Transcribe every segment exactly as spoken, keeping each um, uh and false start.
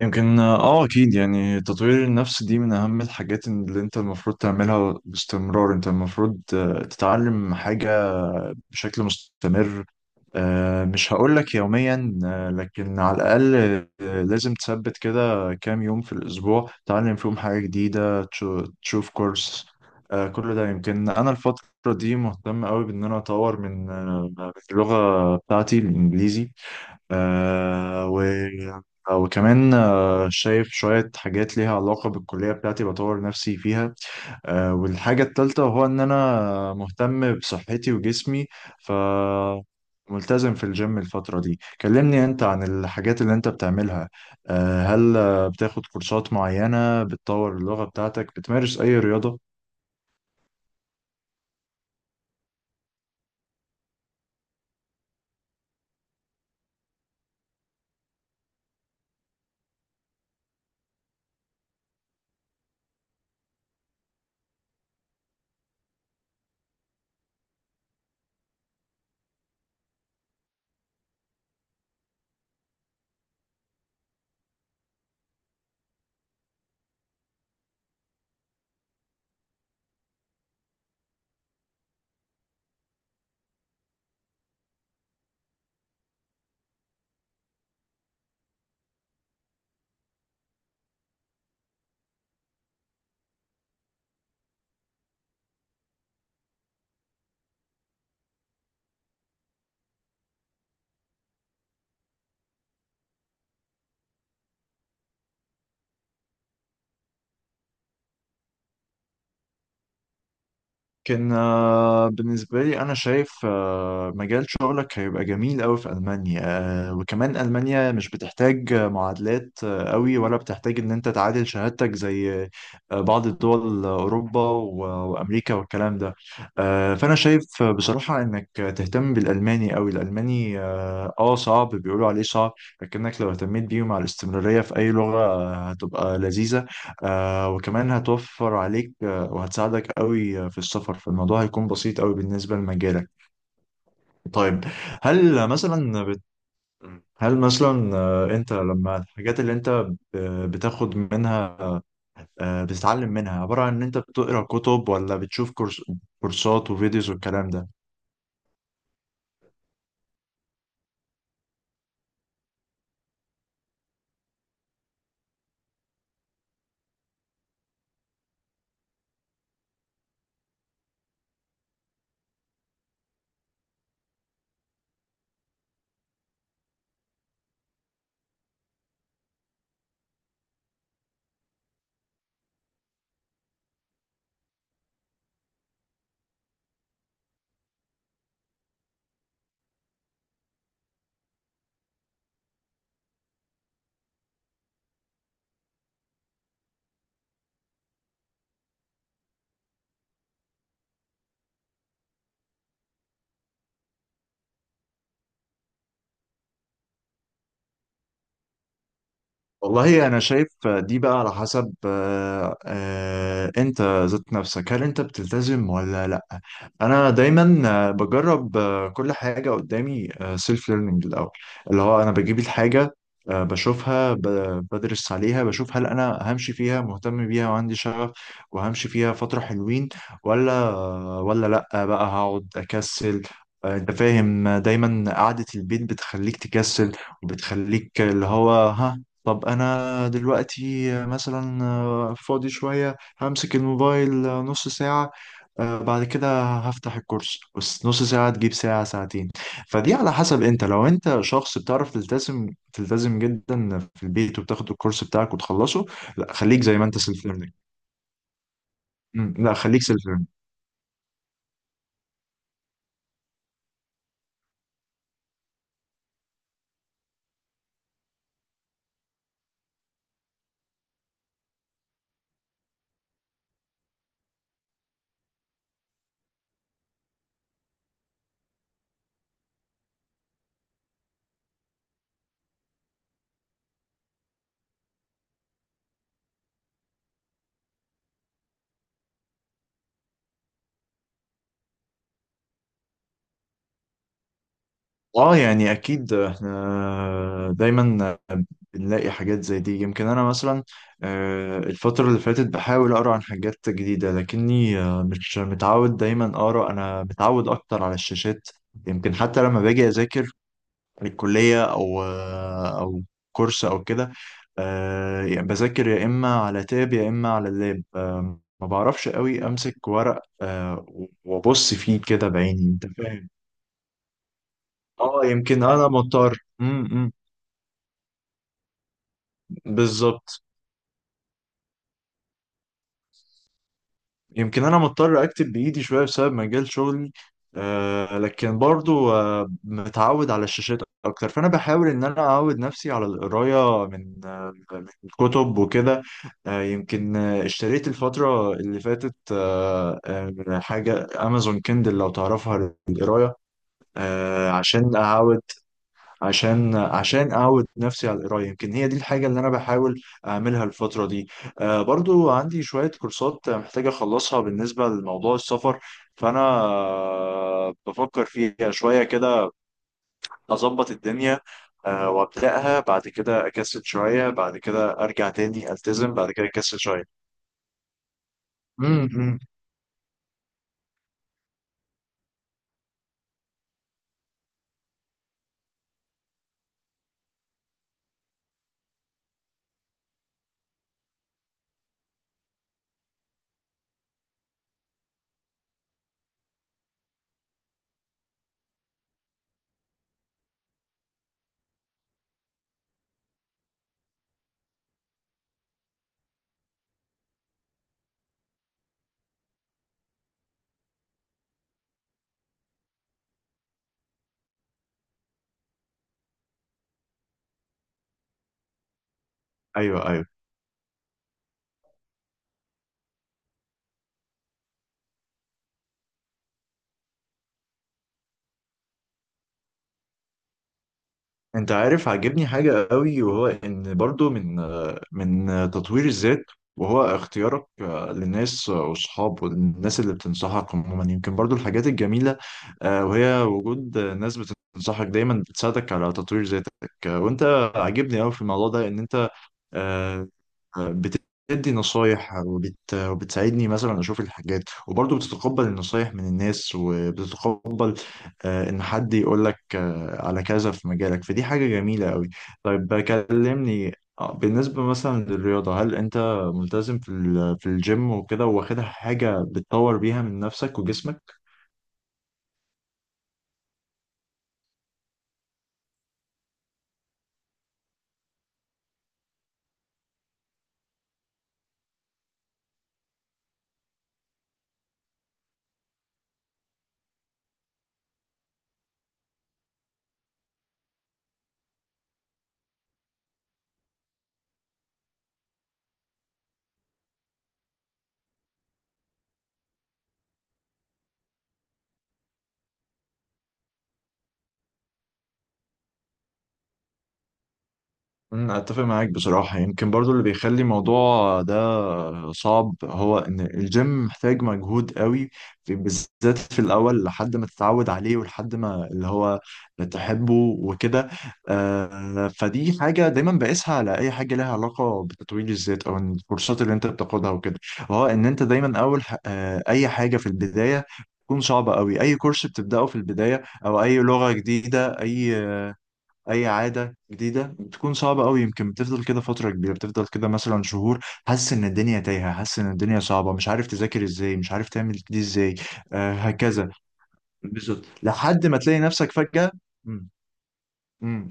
يمكن اه اكيد يعني تطوير النفس دي من اهم الحاجات اللي انت المفروض تعملها باستمرار. انت المفروض آه، تتعلم حاجة بشكل مستمر. آه، مش هقولك يوميا، آه، لكن على الاقل آه، لازم تثبت كده كام يوم في الاسبوع تتعلم فيهم حاجة جديدة، تشو- تشوف كورس. آه، كل ده. يمكن انا الفترة دي مهتم قوي بان انا اطور من آه، اللغة بتاعتي الانجليزي، آه و... آه، وكمان آه شايف شوية حاجات ليها علاقة بالكلية بتاعتي بطور نفسي فيها. آه والحاجة التالتة هو إن أنا مهتم بصحتي وجسمي، ف ملتزم في الجيم الفترة دي. كلمني أنت عن الحاجات اللي أنت بتعملها. آه هل آه، بتاخد كورسات معينة بتطور اللغة بتاعتك؟ بتمارس أي رياضة؟ كان آه، بالنسبة لي أنا شايف آه، مجال شغلك هيبقى جميل أوي في ألمانيا. آه، وكمان ألمانيا مش بتحتاج آه، معادلات آه، أوي، ولا بتحتاج إن أنت تعادل شهادتك زي آه، بعض الدول. آه، أوروبا و- وأمريكا والكلام ده. آه، فأنا شايف آه، بصراحة إنك تهتم بالألماني أوي. الألماني آه آه، صعب، بيقولوا عليه صعب، لكنك لو اهتميت بيه مع الاستمرارية في أي لغة آه، هتبقى لذيذة. آه وكمان هتوفر عليك آه وهتساعدك قوي آه، في السفر. فالموضوع هيكون بسيط قوي بالنسبة لمجالك. طيب، هل مثلا بت... هل مثلا آه، انت لما الحاجات اللي انت ب- بتاخد منها آه، بتتعلم منها عبارة عن ان انت بتقرا كتب، ولا بتشوف كورس... كورسات وفيديوز والكلام ده؟ والله انا شايف دي بقى على حسب آه، آه، انت ذات نفسك، هل انت بتلتزم ولا لا. انا دايما آه، بجرب آه، كل حاجه قدامي سيلف ليرنينج الاول. اللي هو انا بجيب الحاجه آه، بشوفها، ب- بدرس عليها، بشوف هل انا همشي فيها، مهتم بيها وعندي شغف وهمشي فيها فتره حلوين، ولا ولا لا بقى هقعد اكسل. آه، انت فاهم؟ آه، دايما قعدة البيت بتخليك تكسل، وبتخليك اللي هو ها. طب انا دلوقتي مثلا آه، فاضي شوية، همسك الموبايل آه، نص ساعة، آه، بعد كده هفتح الكورس. بس نص ساعة تجيب ساعة، ساعتين. فدي على حسب. انت لو انت شخص بتعرف تلتزم، تلتزم جدا في البيت وبتاخد الكورس بتاعك وتخلصه. لا، خليك زي ما انت سيلف ليرنينج. لا، خليك سيلف. اه، يعني اكيد احنا دايما بنلاقي حاجات زي دي. يمكن انا مثلا آه، الفترة اللي فاتت بحاول اقرا عن حاجات جديدة، لكني آه، مش متعود دايما اقرا، انا متعود اكتر على الشاشات. يمكن حتى لما باجي اذاكر للكلية، او آه، او كورس او كده آه، يعني بذاكر يا اما على تاب يا اما على اللاب. آه، ما بعرفش قوي امسك ورق آه، وابص فيه كده بعيني. انت فاهم؟ اه، يمكن انا مضطر. امم بالظبط. يمكن انا مضطر اكتب بايدي شويه بسبب مجال شغلي، آه لكن برضو آه متعود على الشاشات اكتر. فانا بحاول ان انا اعود نفسي على القرايه من آه من كتب وكده. آه يمكن آه اشتريت الفتره اللي فاتت آه آه حاجه امازون كندل، لو تعرفها، للقرايه آه عشان اعود عشان عشان اعود نفسي على القرايه. يمكن هي دي الحاجه اللي انا بحاول اعملها الفتره دي. آه برضو عندي شويه كورسات محتاج اخلصها بالنسبه لموضوع السفر، فانا آه بفكر فيها شويه كده، اظبط الدنيا آه وابداها. بعد كده اكسل شويه، بعد كده ارجع تاني التزم، بعد كده اكسل شويه. امم ايوه، ايوه. انت عارف عاجبني حاجة قوي، وهو ان برضو من من تطوير الذات وهو اختيارك آه، للناس واصحاب والناس اللي بتنصحك عموما. يمكن برضو الحاجات الجميلة آه، وهي وجود ناس بتنصحك دايما، بتساعدك على تطوير ذاتك. آه، وانت عاجبني قوي في الموضوع ده ان انت آه، بتدي نصايح وبت... وبتساعدني مثلا اشوف الحاجات، وبرضه بتتقبل النصايح من الناس، وبتتقبل آه، ان حد يقول لك آه، على كذا في مجالك. فدي حاجة جميلة قوي. طيب، كلمني آه، بالنسبة مثلا للرياضة. هل انت ملتزم في ال- في الجيم وكده؟ واخدها حاجة بتطور بيها من نفسك وجسمك؟ أمم، اتفق معاك بصراحة. يمكن برضو اللي بيخلي الموضوع ده صعب هو ان الجيم محتاج مجهود قوي في، بالذات في الاول، لحد ما تتعود عليه ولحد ما اللي هو تحبه وكده. آه، فدي حاجة دايما بقيسها على اي حاجة لها علاقة بتطوير الذات، او إن الكورسات اللي انت بتاخدها وكده. هو ان انت دايما اول ح- آه، اي حاجة في البداية تكون صعبة قوي. أي كورس بتبدأه في البداية، أو أي لغة جديدة، أي اي عاده جديده بتكون صعبه قوي. يمكن بتفضل كده فتره كبيره، بتفضل كده مثلا شهور حاسس ان الدنيا تايهه، حاسس ان الدنيا صعبه، مش عارف تذاكر ازاي، مش عارف تعمل دي ازاي، آه هكذا، بالظبط، لحد ما تلاقي نفسك فجاه. امم امم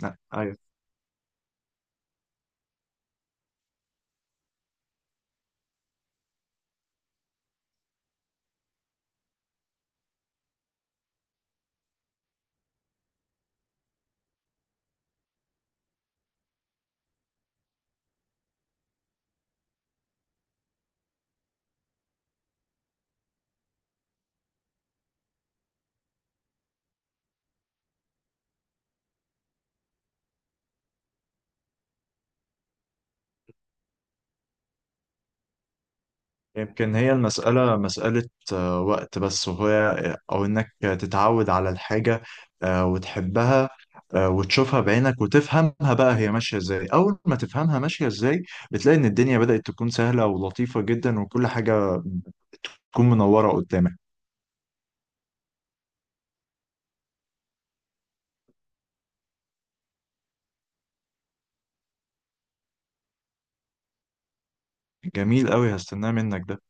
يمكن هي المسألة مسألة آه، وقت بس، وهي أو إنك تتعود على الحاجة آه، وتحبها آه، وتشوفها بعينك وتفهمها بقى هي ماشية إزاي. أول ما تفهمها ماشية إزاي بتلاقي إن الدنيا بدأت تكون سهلة ولطيفة جدا، وكل حاجة تكون منورة قدامك. جميل أوي، هستناه منك ده.